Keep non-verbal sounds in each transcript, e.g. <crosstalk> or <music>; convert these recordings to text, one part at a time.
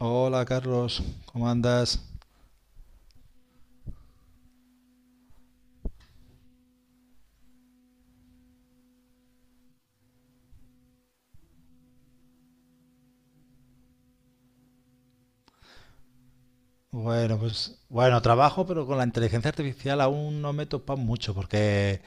Hola Carlos, ¿cómo andas? Bueno, pues bueno, trabajo, pero con la inteligencia artificial aún no me he topado mucho porque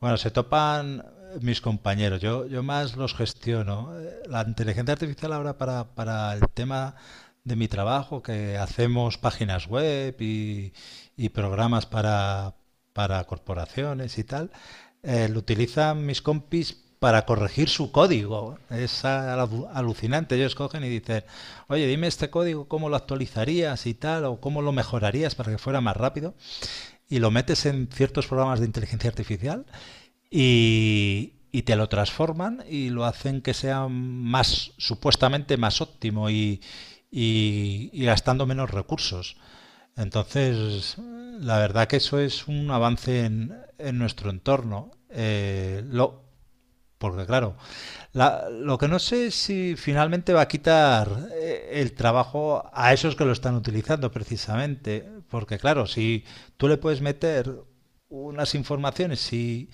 bueno, se topan mis compañeros, yo más los gestiono. La inteligencia artificial ahora para el tema de mi trabajo, que hacemos páginas web y programas para corporaciones y tal, lo utilizan mis compis para corregir su código. Es alucinante. Ellos cogen y dicen, oye, dime este código, ¿cómo lo actualizarías y tal? ¿O cómo lo mejorarías para que fuera más rápido? Y lo metes en ciertos programas de inteligencia artificial y te lo transforman y lo hacen que sea más, supuestamente más óptimo y gastando menos recursos. Entonces, la verdad que eso es un avance en nuestro entorno. Porque claro, lo que no sé es si finalmente va a quitar el trabajo a esos que lo están utilizando precisamente. Porque claro, si tú le puedes meter unas informaciones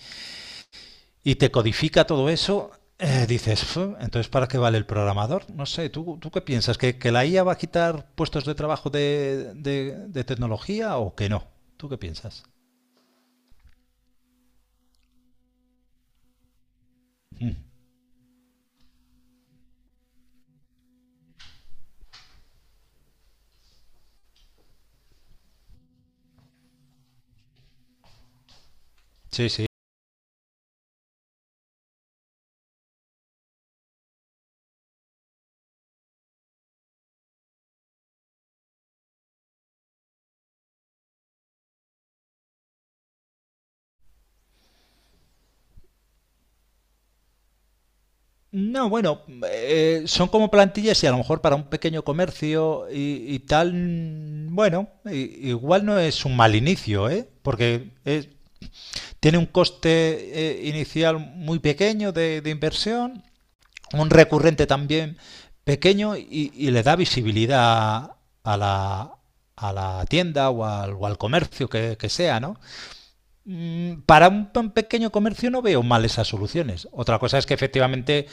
y te codifica todo eso, dices, "Fu, entonces ¿para qué vale el programador? No sé, ¿tú qué piensas? ¿Que la IA va a quitar puestos de trabajo de tecnología o que no? ¿Tú qué piensas? Sí, sí. No, bueno, son como plantillas y a lo mejor para un pequeño comercio y tal, mm, bueno, igual no es un mal inicio, ¿eh? Porque tiene un coste inicial muy pequeño de inversión, un recurrente también pequeño y le da visibilidad a la, a la tienda o al comercio que sea, ¿no? Mm, para un, un pequeño comercio no veo mal esas soluciones. Otra cosa es que efectivamente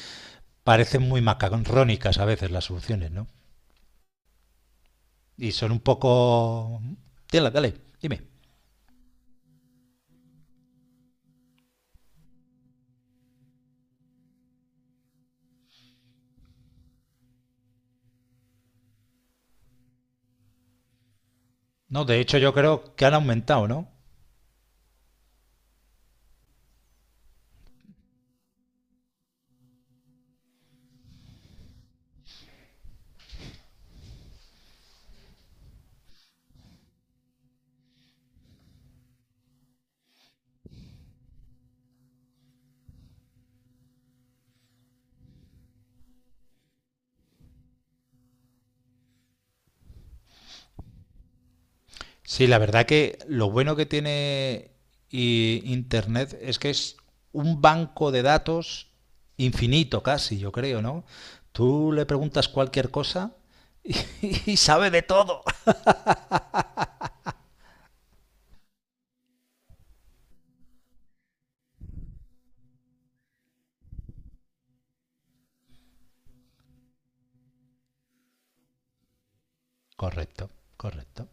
parecen muy macarrónicas a veces las soluciones, ¿no? Y son un poco... Dale, dale, dime. No, de hecho yo creo que han aumentado, ¿no? Sí, la verdad que lo bueno que tiene Internet es que es un banco de datos infinito casi, yo creo, ¿no? Tú le preguntas cualquier cosa y, <laughs> y sabe de todo. Correcto, correcto.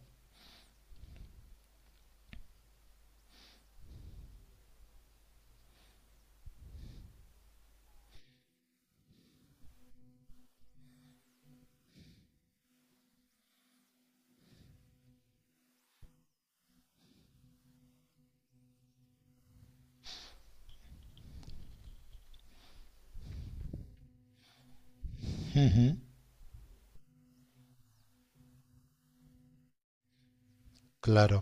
Claro.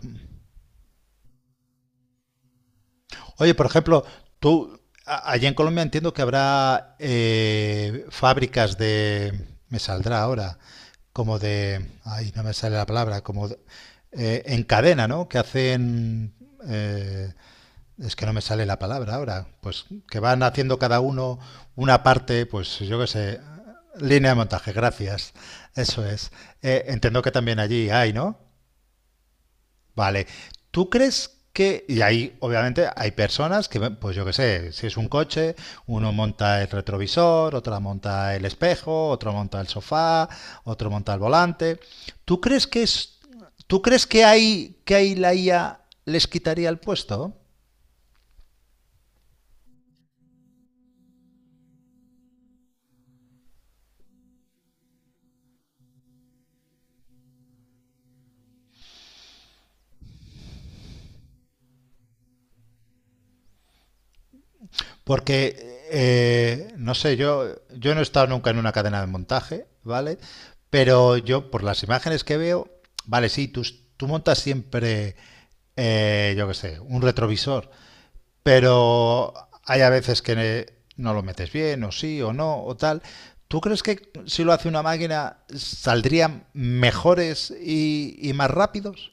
Oye, por ejemplo, tú, allá en Colombia entiendo que habrá fábricas de, me saldrá ahora, como de, ay, no me sale la palabra, como de en cadena, ¿no? Que hacen, eh, es que no me sale la palabra ahora, pues que van haciendo cada uno una parte, pues yo qué sé, línea de montaje, gracias, eso es. Entiendo que también allí hay, ¿no? Vale. ¿Tú crees que, y ahí obviamente hay personas que, pues yo qué sé, si es un coche, uno monta el retrovisor, otra monta el espejo, otro monta el sofá, otro monta el volante. ¿Tú crees que es, tú crees que hay, que ahí la IA les quitaría el puesto? Porque, no sé, yo no he estado nunca en una cadena de montaje, ¿vale? Pero yo, por las imágenes que veo, vale, sí, tú montas siempre, yo qué sé, un retrovisor, pero hay a veces que no lo metes bien, o sí, o no, o tal. ¿Tú crees que si lo hace una máquina saldrían mejores y más rápidos?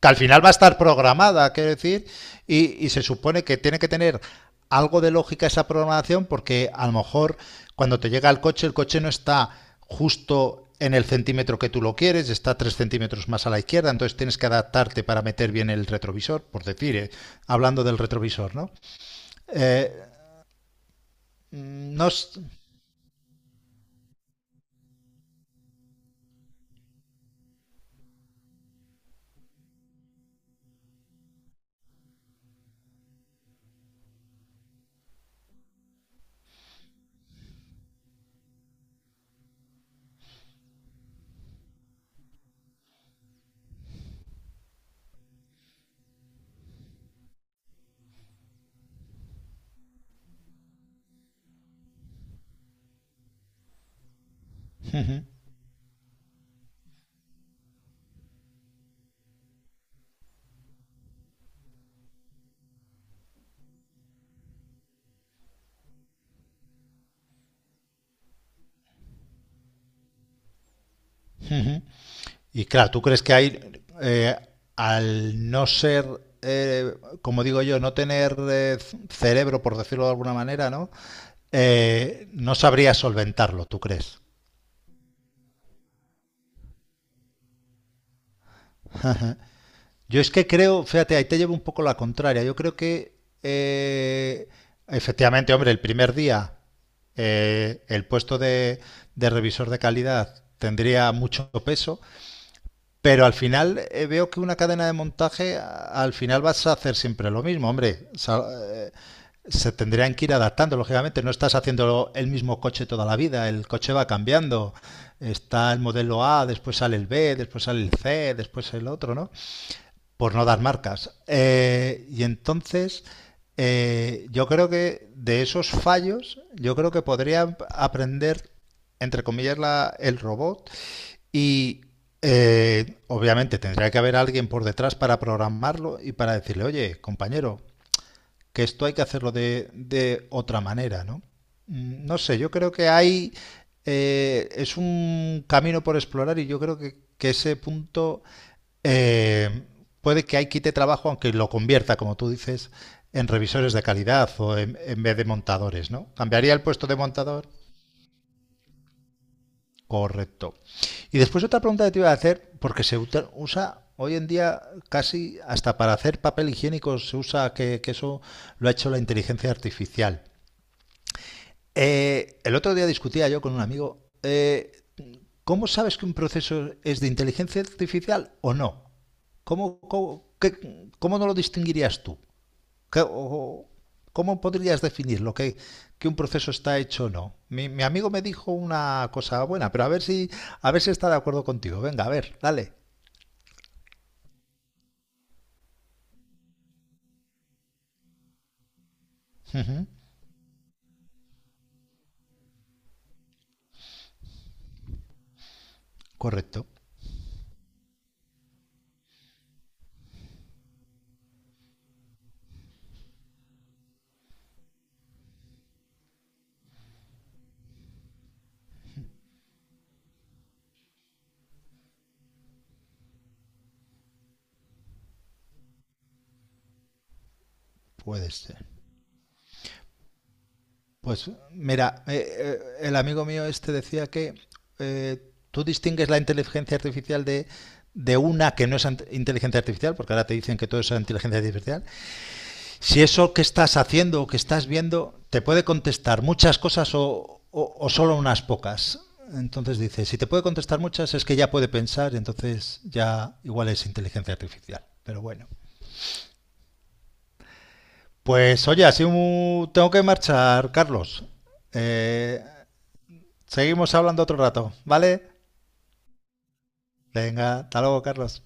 Que al final va a estar programada, quiero decir, y se supone que tiene que tener algo de lógica esa programación porque a lo mejor cuando te llega el coche no está justo en el centímetro que tú lo quieres, está 3 centímetros más a la izquierda, entonces tienes que adaptarte para meter bien el retrovisor, por decir, hablando del retrovisor, ¿no? Eh, no, y claro, ¿tú crees que hay, eh, al no ser, eh, como digo yo, no tener cerebro, por decirlo de alguna manera, ¿no? No sabría solventarlo, ¿tú crees? <laughs> Yo es que creo, fíjate, ahí te llevo un poco la contraria. Yo creo que, eh, efectivamente, hombre, el primer día el puesto de revisor de calidad tendría mucho peso, pero al final veo que una cadena de montaje, al final vas a hacer siempre lo mismo, hombre. Se tendrían que ir adaptando, lógicamente. No estás haciendo el mismo coche toda la vida, el coche va cambiando. Está el modelo A, después sale el B, después sale el C, después el otro, ¿no? Por no dar marcas. Y entonces, yo creo que de esos fallos, yo creo que podría aprender, entre comillas, el robot y obviamente tendría que haber alguien por detrás para programarlo y para decirle, oye, compañero, que esto hay que hacerlo de otra manera, ¿no? Mm, no sé, yo creo que hay... es un camino por explorar y yo creo que ese punto eh, puede que ahí quite trabajo, aunque lo convierta, como tú dices, en revisores de calidad o en vez de montadores, ¿no? Cambiaría el puesto de montador. Correcto. Y después otra pregunta que te iba a hacer, porque se usa hoy en día casi hasta para hacer papel higiénico, se usa que eso lo ha hecho la inteligencia artificial. El otro día discutía yo con un amigo, ¿cómo sabes que un proceso es de inteligencia artificial o no? ¿Cómo, cómo, cómo no lo distinguirías tú? ¿Cómo podrías definir lo que un proceso está hecho o no? Mi amigo me dijo una cosa buena, pero a ver si está de acuerdo contigo. Venga, a ver, dale. Ujú, correcto, puede ser. Pues mira, el amigo mío este decía que tú distingues la inteligencia artificial de una que no es inteligencia artificial, porque ahora te dicen que todo es inteligencia artificial, si eso que estás haciendo o que estás viendo te puede contestar muchas cosas o solo unas pocas. Entonces dice, si te puede contestar muchas es que ya puede pensar, entonces ya igual es inteligencia artificial. Pero bueno. Pues oye, así tengo que marchar, Carlos. Eh, Seguimos hablando otro rato, ¿vale? Venga, hasta luego, Carlos.